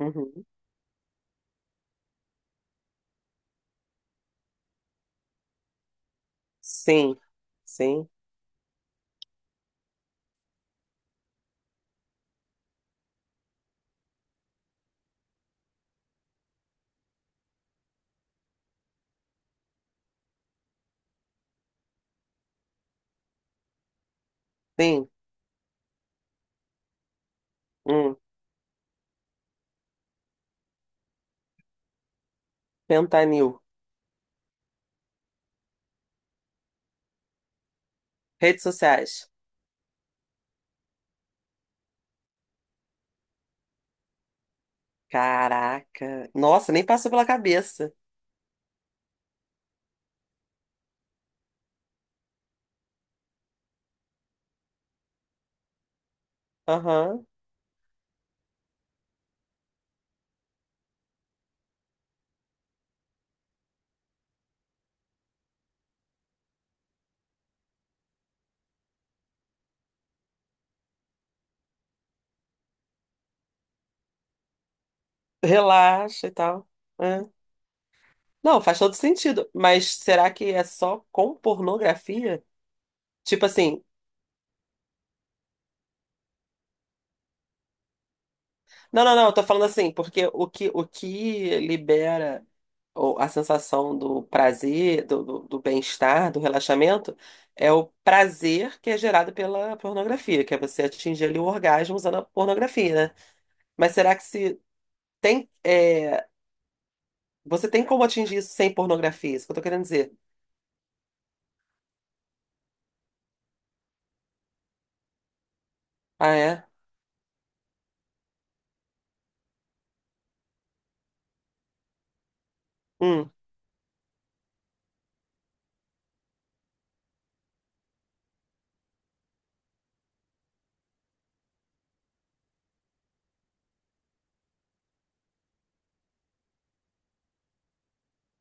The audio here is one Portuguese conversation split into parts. Uhum. Sim, sim, sim. Hum. Fentanil. Redes sociais. Caraca. Nossa, nem passou pela cabeça. Aham. Relaxa e tal. É. Não, faz todo sentido. Mas será que é só com pornografia? Tipo assim. Não, não, não. Eu tô falando assim, porque o que libera, ou a sensação do prazer, do bem-estar, do relaxamento, é o prazer que é gerado pela pornografia, que é você atingir ali o orgasmo usando a pornografia, né? Mas será que se tem, você tem como atingir isso sem pornografia? Isso que eu tô querendo dizer. Ah, é? Hum,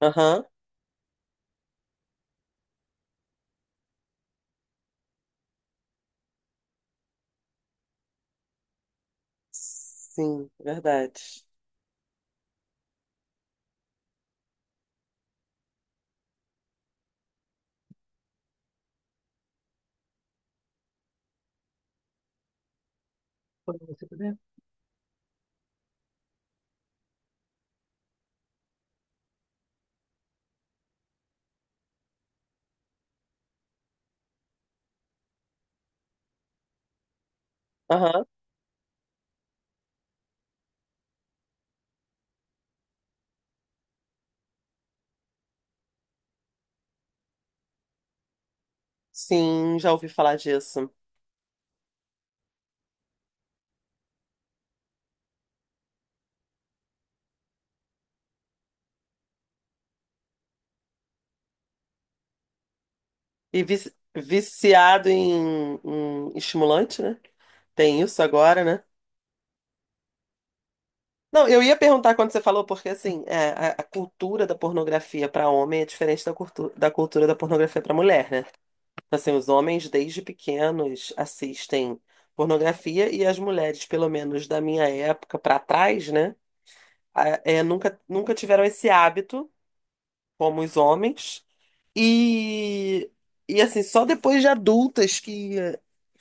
aham. Sim, verdade. Né? Aham. Sim, já ouvi falar disso. E viciado em estimulante, né? Tem isso agora, né? Não, eu ia perguntar quando você falou, porque assim, é, a cultura da pornografia para homem é diferente da cultura da pornografia para mulher, né? Assim, os homens desde pequenos assistem pornografia e as mulheres, pelo menos da minha época para trás, né? É, nunca tiveram esse hábito, como os homens, e, assim, só depois de adultas que,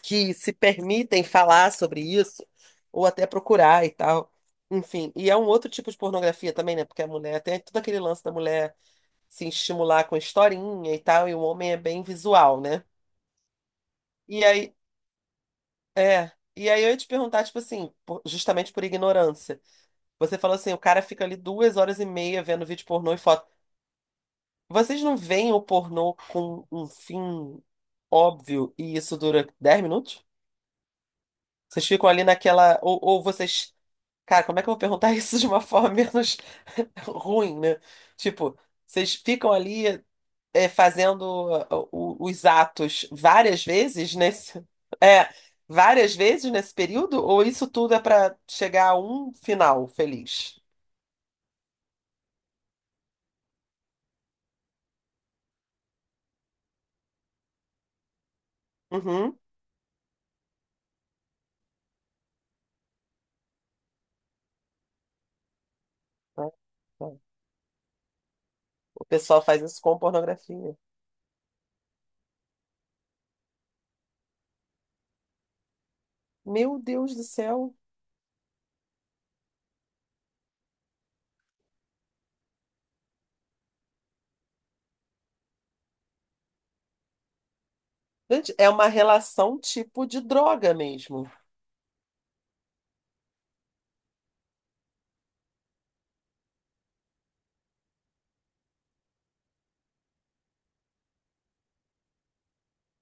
que se permitem falar sobre isso, ou até procurar e tal. Enfim, e é um outro tipo de pornografia também, né? Porque a mulher tem todo aquele lance da mulher se estimular com historinha e tal, e o homem é bem visual, né? E aí, é. E aí eu ia te perguntar, tipo assim, justamente por ignorância. Você falou assim, o cara fica ali 2h30 vendo vídeo pornô e foto. Vocês não veem o pornô com um fim óbvio e isso dura 10 minutos? Vocês ficam ali naquela. Ou vocês. Cara, como é que eu vou perguntar isso de uma forma menos ruim, né? Tipo, vocês ficam ali é, fazendo os atos várias vezes nesse. É, várias vezes nesse período? Ou isso tudo é pra chegar a um final feliz? Uhum. Ah, tá. O pessoal faz isso com pornografia. Meu Deus do céu. Gente, é uma relação tipo de droga mesmo.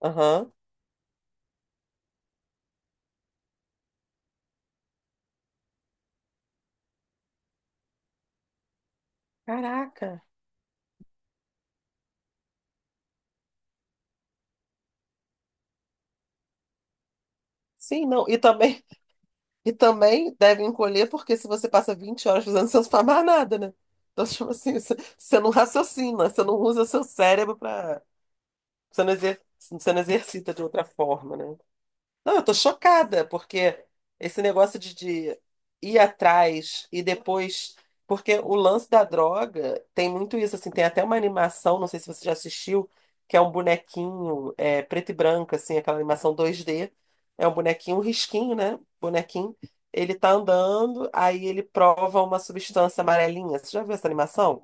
Aham. Caraca. Sim, não. E também deve encolher, porque se você passa 20 horas fazendo, você não faz mais nada, né? Então, tipo assim, você não raciocina, você não usa seu cérebro para. Você não exercita de outra forma, né? Não, eu tô chocada, porque esse negócio de ir atrás e depois. Porque o lance da droga tem muito isso, assim, tem até uma animação, não sei se você já assistiu, que é um bonequinho preto e branco, assim, aquela animação 2D. É um bonequinho, um risquinho, né? Bonequinho. Ele tá andando, aí ele prova uma substância amarelinha. Você já viu essa animação?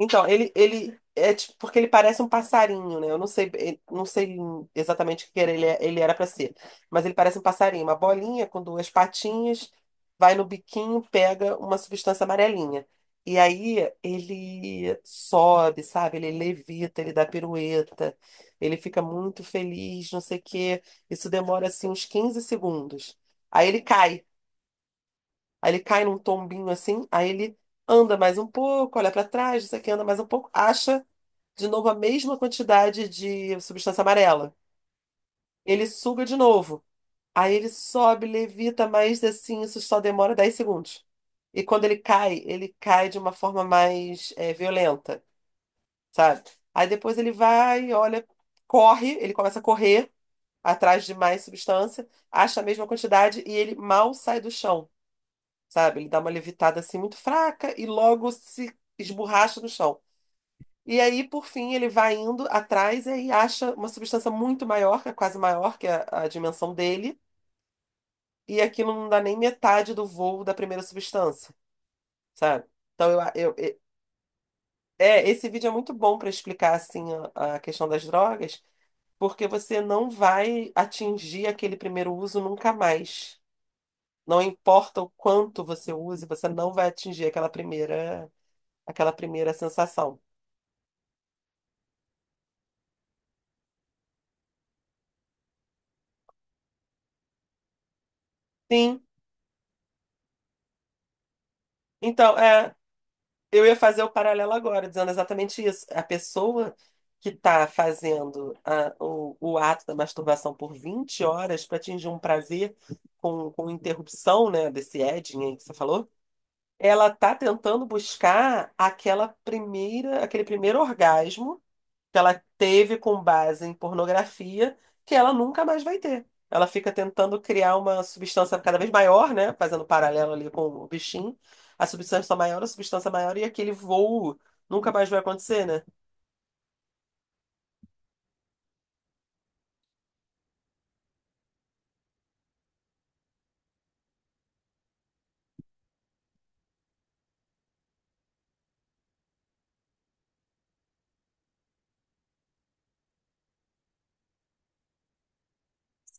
Então, ele é tipo, porque ele parece um passarinho, né? Eu não sei, não sei exatamente o que era, ele era para ser, mas ele parece um passarinho, uma bolinha com duas patinhas, vai no biquinho, pega uma substância amarelinha. E aí ele sobe, sabe? Ele levita, ele dá pirueta, ele fica muito feliz, não sei o quê. Isso demora assim uns 15 segundos. Aí ele cai, aí ele cai num tombinho assim, aí ele anda mais um pouco, olha para trás, isso aqui anda mais um pouco, acha de novo a mesma quantidade de substância amarela. Ele suga de novo. Aí ele sobe, levita, mas assim, isso só demora 10 segundos. E quando ele cai de uma forma mais violenta, sabe? Aí depois ele vai, olha, corre, ele começa a correr atrás de mais substância, acha a mesma quantidade e ele mal sai do chão, sabe? Ele dá uma levitada assim muito fraca e logo se esborracha no chão. E aí, por fim, ele vai indo atrás e aí acha uma substância muito maior, que é quase maior que a dimensão dele, e aquilo não dá nem metade do voo da primeira substância, sabe? Então, eu, a- eu, e- é, esse vídeo é muito bom para explicar assim a questão das drogas, porque você não vai atingir aquele primeiro uso nunca mais. Não importa o quanto você use, você não vai atingir aquela primeira sensação. Sim, então, é. Eu ia fazer o paralelo agora, dizendo exatamente isso. A pessoa que está fazendo o ato da masturbação por 20 horas para atingir um prazer com interrupção, né, desse edging aí que você falou, ela está tentando buscar aquela primeira, aquele primeiro orgasmo que ela teve com base em pornografia que ela nunca mais vai ter. Ela fica tentando criar uma substância cada vez maior, né? Fazendo paralelo ali com o bichinho. A substância maior e aquele voo nunca mais vai acontecer, né?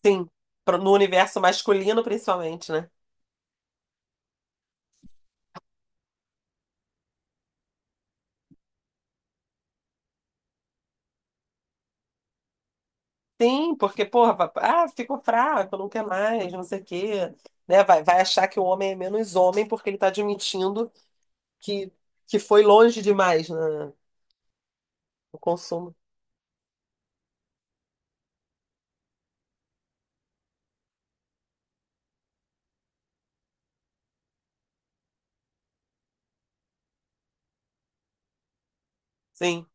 Sim, no universo masculino principalmente, né? Sim, porque, porra, ah, ficou fraco, não quer mais, não sei o quê, né? Vai achar que o homem é menos homem porque ele tá admitindo que, que foi longe demais, né? O consumo. Sim.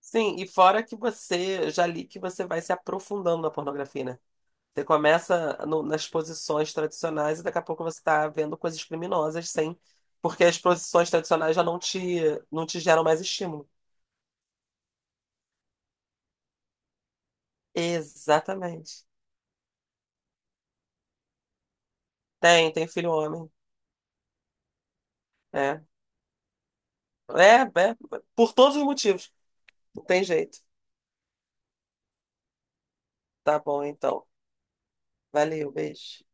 Sim, e fora que você, já li que você vai se aprofundando na pornografia, né? Você começa nas posições tradicionais e daqui a pouco você está vendo coisas criminosas, sem, porque as posições tradicionais já não te, geram mais estímulo. Exatamente. Tem filho homem. É. É, é, por todos os motivos. Não tem jeito. Tá bom, então. Valeu, beijo.